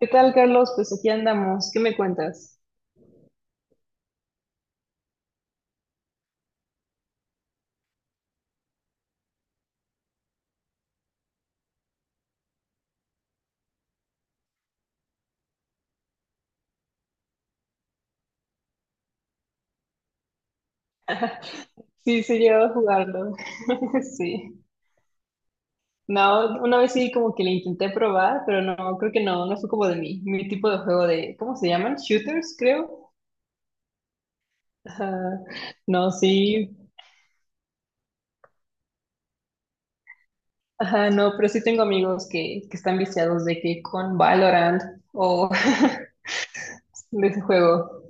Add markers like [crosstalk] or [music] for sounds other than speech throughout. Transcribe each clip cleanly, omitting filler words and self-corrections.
¿Qué tal, Carlos? Pues aquí andamos. ¿Qué me cuentas? Sí, sí, llevo a jugarlo. [laughs] Sí. No, una vez sí como que le intenté probar, pero no, creo que no, no fue como de mi tipo de juego de, ¿cómo se llaman? Shooters, creo. Ajá. No, sí. Ajá, no, pero sí tengo amigos que están viciados de que con Valorant o [laughs] de ese juego.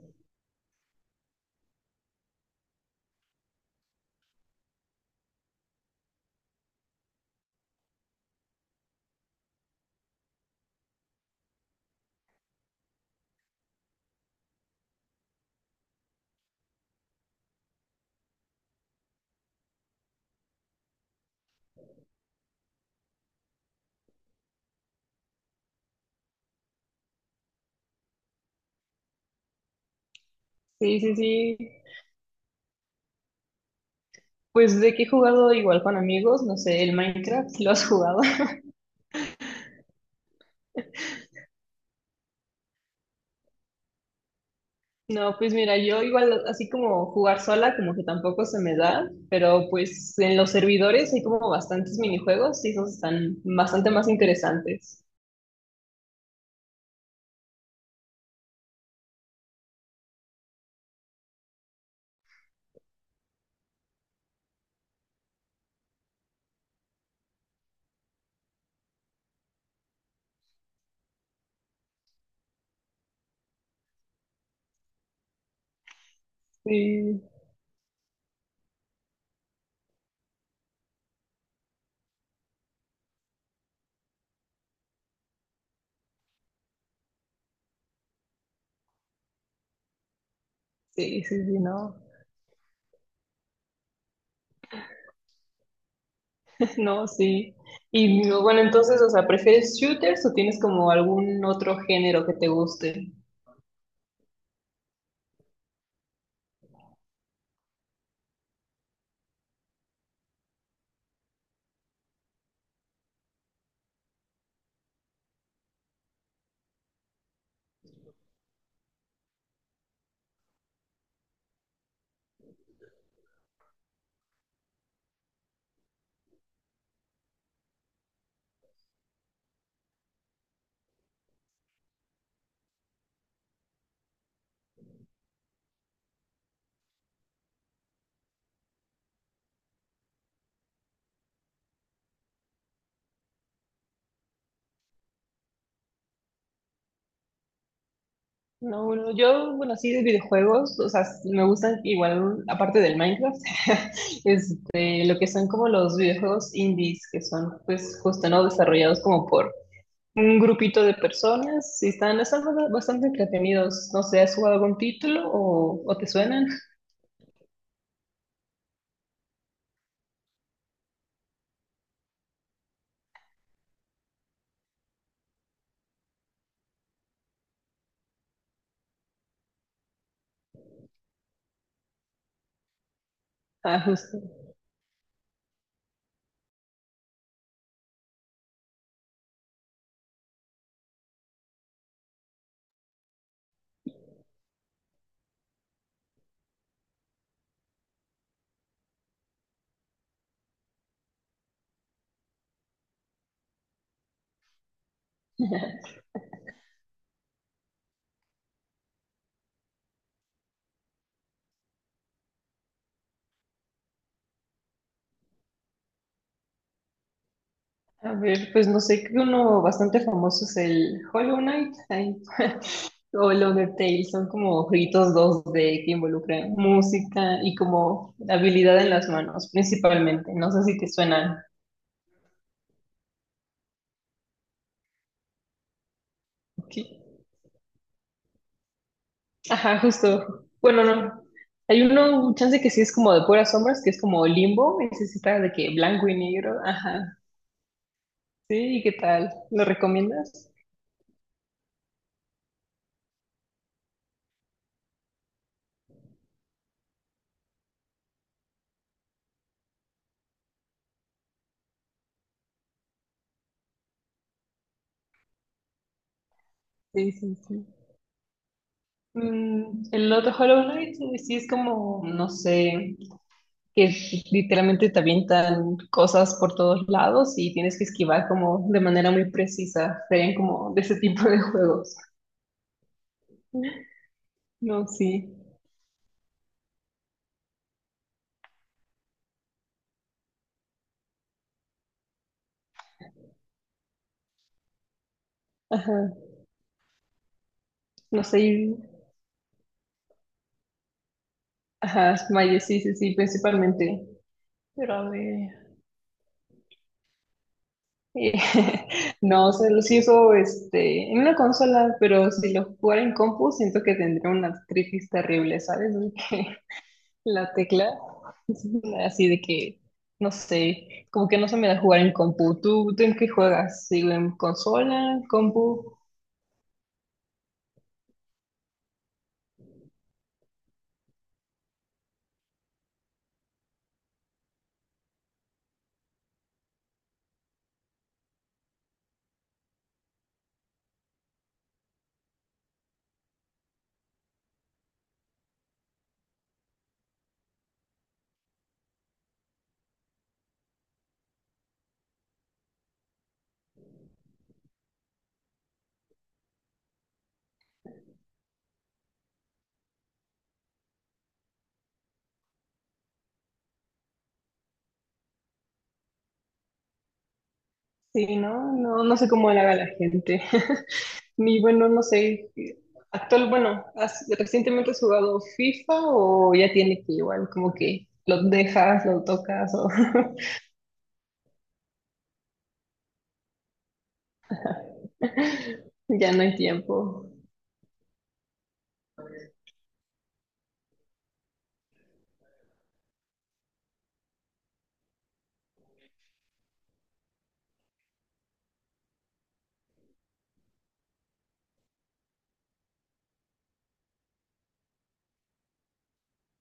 Sí, sí, sí. Pues de que he jugado igual con amigos, no sé, el Minecraft, ¿lo has jugado? No, pues mira, yo igual así como jugar sola, como que tampoco se me da, pero pues en los servidores hay como bastantes minijuegos y esos están bastante más interesantes. Sí, sí, sí, sí, no, [laughs] no, sí. Y bueno, entonces, o sea, ¿prefieres shooters o tienes como algún otro género que te guste? No, bueno yo, bueno, sí de videojuegos, o sea, s- me gustan igual, aparte del Minecraft, [laughs] este, lo que son como los videojuegos indies, que son pues justo, ¿no? Desarrollados como por un grupito de personas y están bast- bastante entretenidos. No sé, ¿has jugado algún título o te suenan? [laughs] Ah, justo. A ver, pues no sé, creo que uno bastante famoso es el Hollow Knight, ahí, [laughs] o lo de Tales, son como jueguitos dos d que involucran música y como habilidad en las manos, principalmente. No sé si te suenan. Ok. Ajá, justo. Bueno, no. Hay uno, chance que sí es como de puras sombras, que es como Limbo, ese sí está de que blanco y negro. Ajá. Sí, ¿y qué tal? ¿Lo recomiendas? Sí, sí, sí. Mm, el otro Hollow Knight, sí es como, no sé. Que literalmente te avientan cosas por todos lados y tienes que esquivar como de manera muy precisa. Serían como de ese tipo de juegos. No, sí. Ajá. No sé. Y- ajá, Mario, sí, sí, sí, principalmente. Pero a ver. eh, [laughs] No, o sea, lo sí eso este, en una consola, pero si lo jugara en compu, siento que tendría una artritis terrible, ¿sabes? [laughs] La tecla, [laughs] así de que, no sé, como que no se me da jugar en compu. ¿Tú en qué juegas? ¿Sí, en consola, compu? Sí, ¿no? No, no sé cómo le haga la gente. [laughs] Ni bueno, no sé. Actual, bueno, ¿has- ¿recientemente has jugado FIFA o ya tiene que igual como que lo dejas, lo tocas o [laughs] ya no hay tiempo?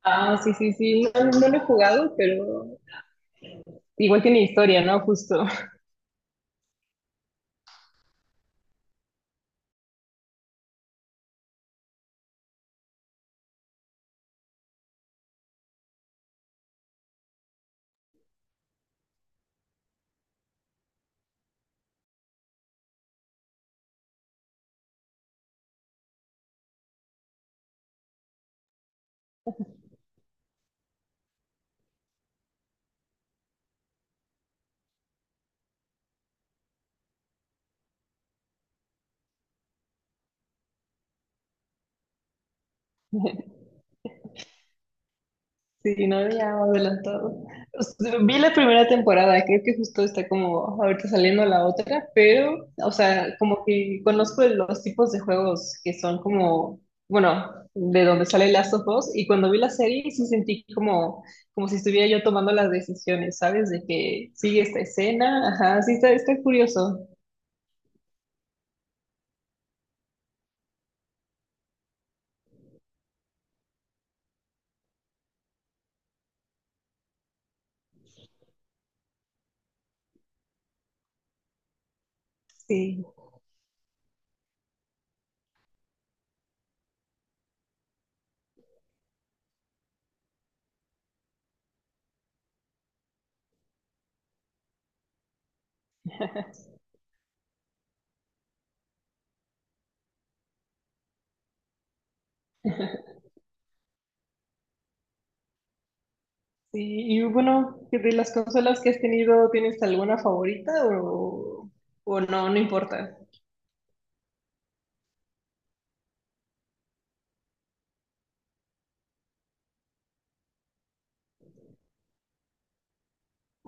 Ah, sí, sí, sí. No, no lo he jugado, pero igual tiene historia, ¿no? Justo. Sí, no, ya adelantado. O sea, vi la primera temporada, creo que justo está como ahorita saliendo la otra, pero, o sea, como que conozco los tipos de juegos que son como, bueno, de donde sale Last of Us, y cuando vi la serie sí sentí como, como si estuviera yo tomando las decisiones, ¿sabes? De que sigue esta escena, ajá, sí está, está curioso. Sí, sí. Y bueno, de las consolas que has tenido, ¿tienes alguna favorita o, o no, no importa?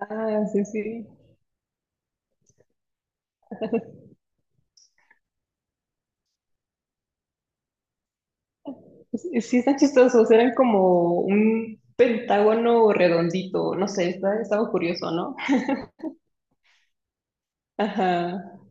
Ah, sí, sí. Sí, sí están chistosos, eran como un pentágono redondito, no sé, está- estaba curioso, ¿no? Ajá,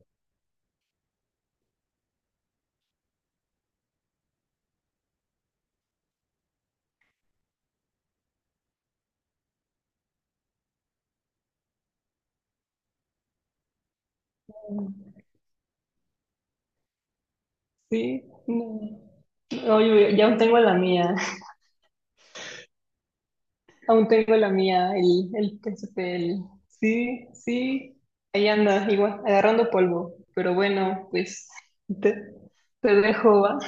sí, no. No, yo- yo aún tengo la mía, [laughs] aún tengo la mía, el PSP, el- sí, sí, ahí anda, igual, agarrando polvo, pero bueno, pues te, te dejo, ¿va?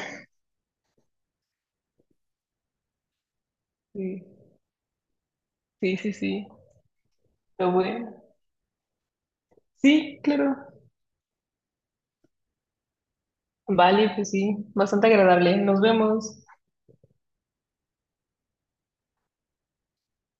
Sí, sí, sí, sí, pero bueno, sí, claro, vale, pues sí, bastante agradable, nos vemos.